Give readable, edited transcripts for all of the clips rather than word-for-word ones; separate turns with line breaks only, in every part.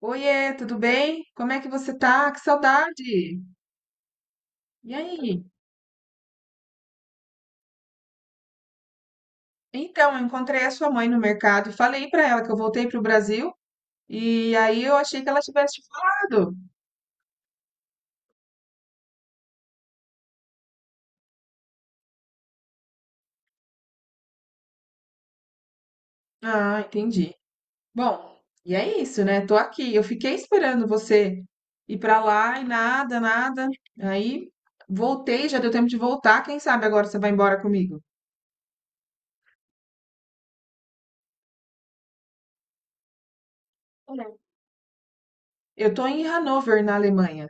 Oiê, tudo bem? Como é que você tá? Que saudade! E aí? Então, eu encontrei a sua mãe no mercado e falei pra ela que eu voltei pro Brasil e aí eu achei que ela tivesse te falado. Ah, entendi. Bom, e é isso, né? Tô aqui. Eu fiquei esperando você ir pra lá e nada, nada. Aí voltei, já deu tempo de voltar. Quem sabe agora você vai embora comigo? É. Eu tô em Hannover, na Alemanha.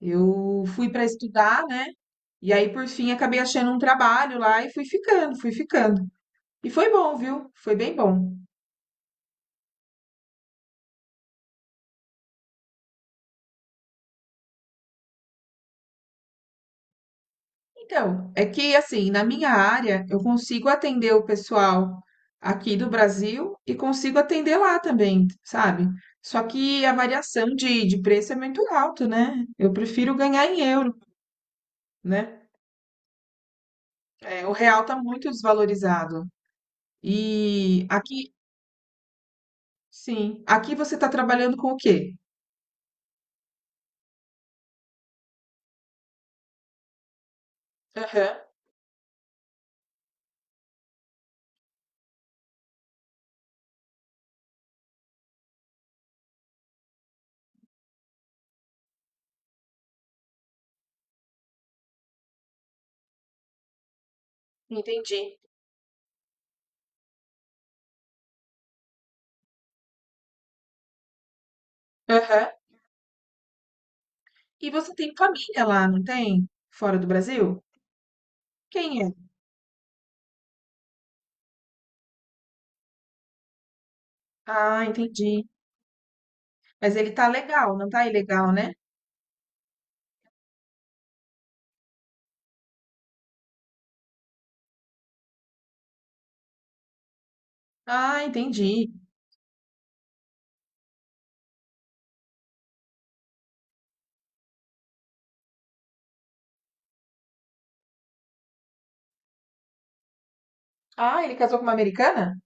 Eu fui pra estudar, né? E aí, por fim, acabei achando um trabalho lá e fui ficando, fui ficando. E foi bom, viu? Foi bem bom. Então, é que assim, na minha área, eu consigo atender o pessoal aqui do Brasil e consigo atender lá também, sabe? Só que a variação de preço é muito alto, né? Eu prefiro ganhar em euro, né? É, o real tá muito desvalorizado. E aqui, sim, aqui você tá trabalhando com o quê? Aham, entendi. Aham. E você tem família lá, não tem? Fora do Brasil? Quem é? Ah, entendi. Mas ele tá legal, não tá ilegal, né? Ah, entendi. Ah, ele casou com uma americana?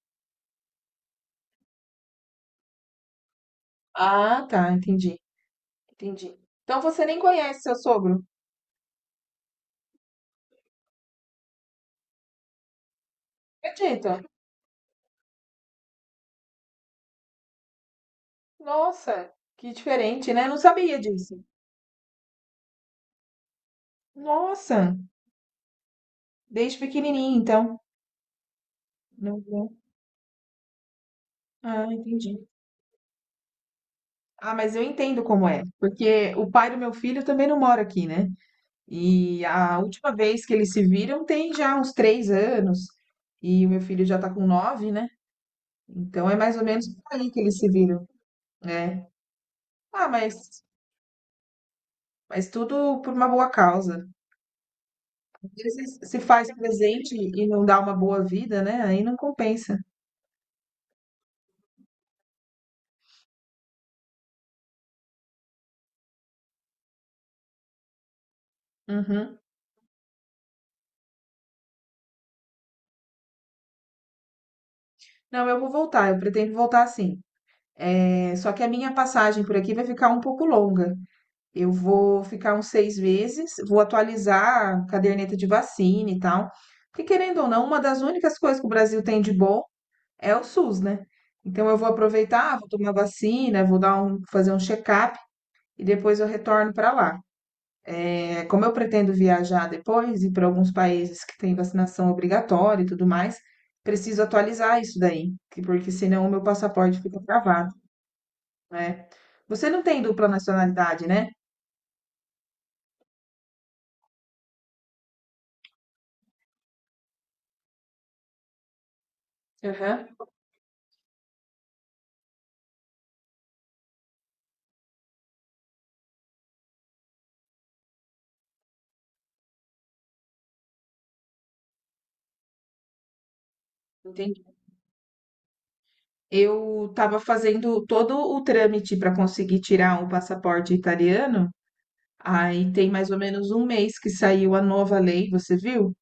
Ah, tá, entendi. Entendi. Então você nem conhece seu sogro? Acredita? Nossa, que diferente, né? Não sabia disso. Nossa, desde pequenininho, então. Não, não. Ah, entendi. Ah, mas eu entendo como é, porque o pai do meu filho também não mora aqui, né? E a última vez que eles se viram tem já uns 3 anos. E o meu filho já tá com nove, né? Então é mais ou menos por aí que eles se viram, né? Ah, mas tudo por uma boa causa. Às vezes se faz presente e não dá uma boa vida, né? Aí não compensa. Uhum. Não, eu vou voltar, eu pretendo voltar sim. É, só que a minha passagem por aqui vai ficar um pouco longa. Eu vou ficar uns 6 meses, vou atualizar a caderneta de vacina e tal. Porque, querendo ou não, uma das únicas coisas que o Brasil tem de bom é o SUS, né? Então, eu vou aproveitar, vou tomar vacina, vou dar um, fazer um check-up e depois eu retorno para lá. É, como eu pretendo viajar depois e para alguns países que têm vacinação obrigatória e tudo mais, preciso atualizar isso daí, porque senão o meu passaporte fica travado, né? Você não tem dupla nacionalidade, né? Aham. Eu estava fazendo todo o trâmite para conseguir tirar o passaporte italiano. Aí tem mais ou menos um mês que saiu a nova lei, você viu?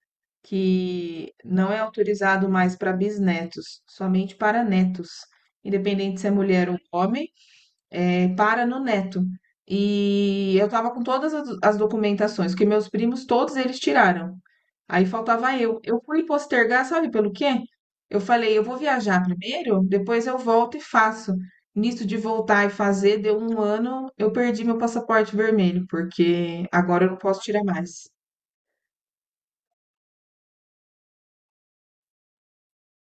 Que não é autorizado mais para bisnetos, somente para netos, independente se é mulher ou homem é, para no Neto. E eu tava com todas as documentações, que meus primos, todos eles tiraram. Aí faltava eu. Eu fui postergar, sabe pelo quê? Eu falei, eu vou viajar primeiro, depois eu volto e faço. Nisso de voltar e fazer, deu um ano, eu perdi meu passaporte vermelho, porque agora eu não posso tirar mais.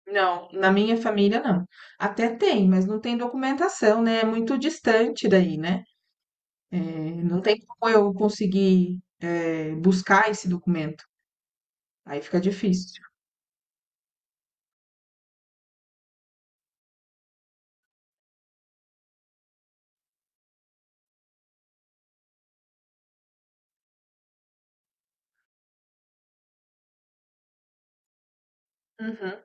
Não, na minha família não. Até tem, mas não tem documentação, né? É muito distante daí, né? É, não tem como eu conseguir, buscar esse documento. Aí fica difícil. Uhum,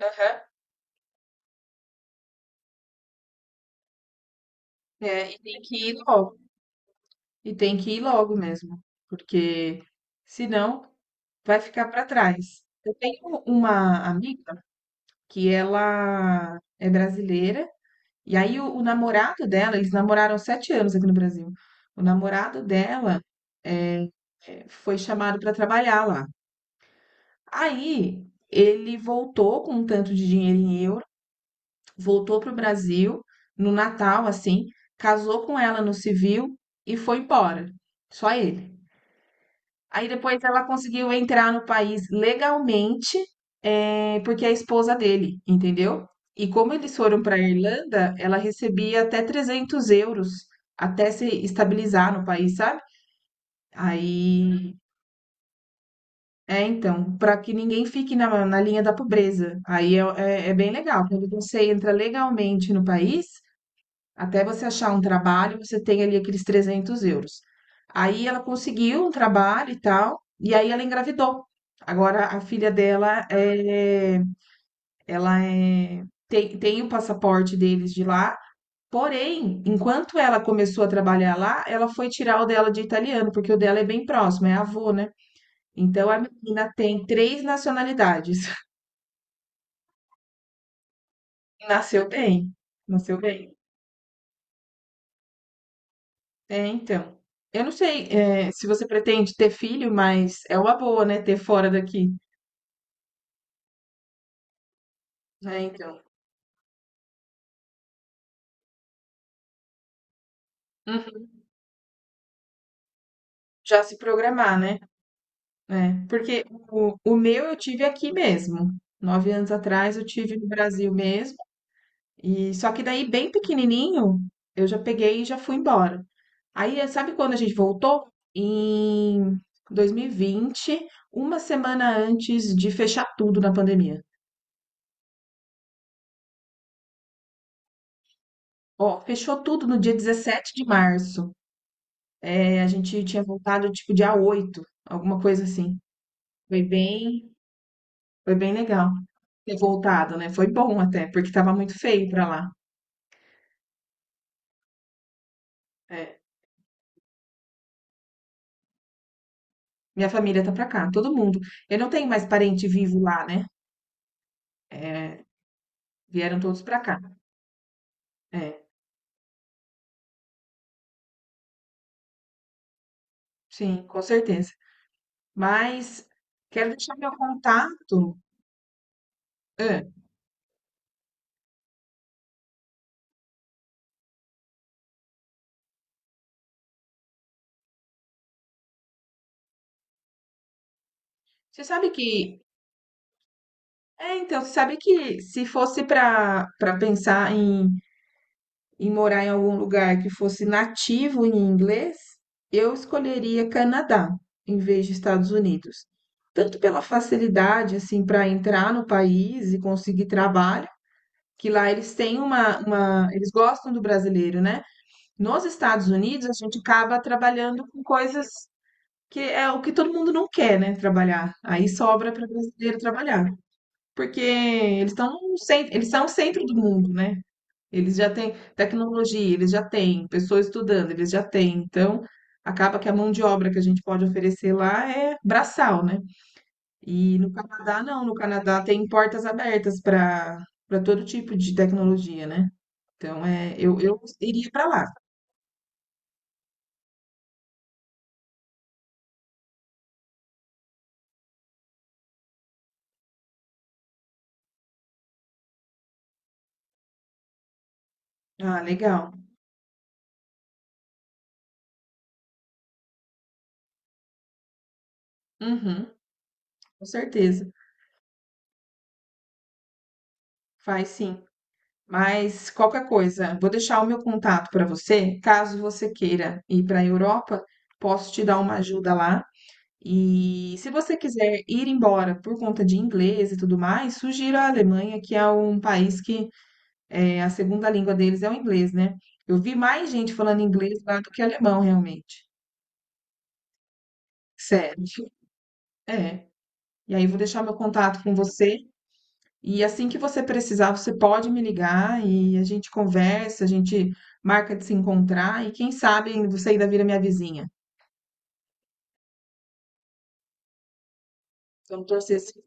aham. É, e tem que ir logo. E tem que ir logo mesmo, porque senão vai ficar para trás. Eu tenho uma amiga que ela é brasileira, e aí o namorado dela, eles namoraram 7 anos aqui no Brasil. O namorado dela eh, foi chamado para trabalhar lá. Aí ele voltou com um tanto de dinheiro em euro, voltou para o Brasil no Natal, assim, casou com ela no civil e foi embora. Só ele. Aí depois ela conseguiu entrar no país legalmente, porque é a esposa dele, entendeu? E como eles foram para a Irlanda, ela recebia até 300 euros até se estabilizar no país, sabe? Aí é, então, para que ninguém fique na linha da pobreza. É bem legal. Quando você entra legalmente no país, até você achar um trabalho, você tem ali aqueles 300 euros. Aí ela conseguiu um trabalho e tal, e aí ela engravidou. Agora a filha dela é, ela é, tem, tem o passaporte deles de lá. Porém, enquanto ela começou a trabalhar lá, ela foi tirar o dela de italiano, porque o dela é bem próximo, é avô, né? Então a menina tem 3 nacionalidades. Nasceu bem, nasceu bem. É, então. Eu não sei, se você pretende ter filho, mas é uma boa, né, ter fora daqui. É, então. Uhum. Já se programar, né? É, porque o meu eu tive aqui mesmo. 9 anos atrás eu tive no Brasil mesmo. E só que daí, bem pequenininho, eu já peguei e já fui embora. Aí, sabe quando a gente voltou? Em 2020, uma semana antes de fechar tudo na pandemia. Ó, fechou tudo no dia 17 de março. Eh, a gente tinha voltado tipo dia 8, alguma coisa assim. Foi bem, foi bem legal ter voltado, né? Foi bom até, porque tava muito feio pra lá. É. Minha família tá pra cá, todo mundo. Eu não tenho mais parente vivo lá, né? É, vieram todos pra cá. É, sim, com certeza. Mas quero deixar meu contato. Hã, você sabe que. É, então, você sabe que se fosse para pensar em morar em algum lugar que fosse nativo em inglês, eu escolheria Canadá em vez de Estados Unidos. Tanto pela facilidade, assim, para entrar no país e conseguir trabalho, que lá eles têm uma. Eles gostam do brasileiro, né? Nos Estados Unidos, a gente acaba trabalhando com coisas que é o que todo mundo não quer, né? Trabalhar. Aí sobra para brasileiro trabalhar. Porque eles estão sempre, eles são o centro do mundo, né? Eles já têm tecnologia, eles já têm pessoas estudando, eles já têm. Então, acaba que a mão de obra que a gente pode oferecer lá é braçal, né? E no Canadá, não. No Canadá tem portas abertas para todo tipo de tecnologia, né? Então, eu iria para lá. Ah, legal. Uhum, com certeza. Faz sim. Mas qualquer coisa, vou deixar o meu contato para você, caso você queira ir para a Europa, posso te dar uma ajuda lá. E se você quiser ir embora por conta de inglês e tudo mais, sugiro a Alemanha, que é um país que é, a segunda língua deles é o inglês, né? Eu vi mais gente falando inglês lá do que alemão, realmente. Sério. É. E aí vou deixar meu contato com você. E assim que você precisar, você pode me ligar e a gente conversa, a gente marca de se encontrar e quem sabe você ainda vira minha vizinha. Vamos torcer se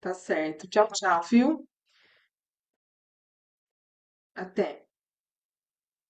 tá certo. Tchau, tchau, viu? Até.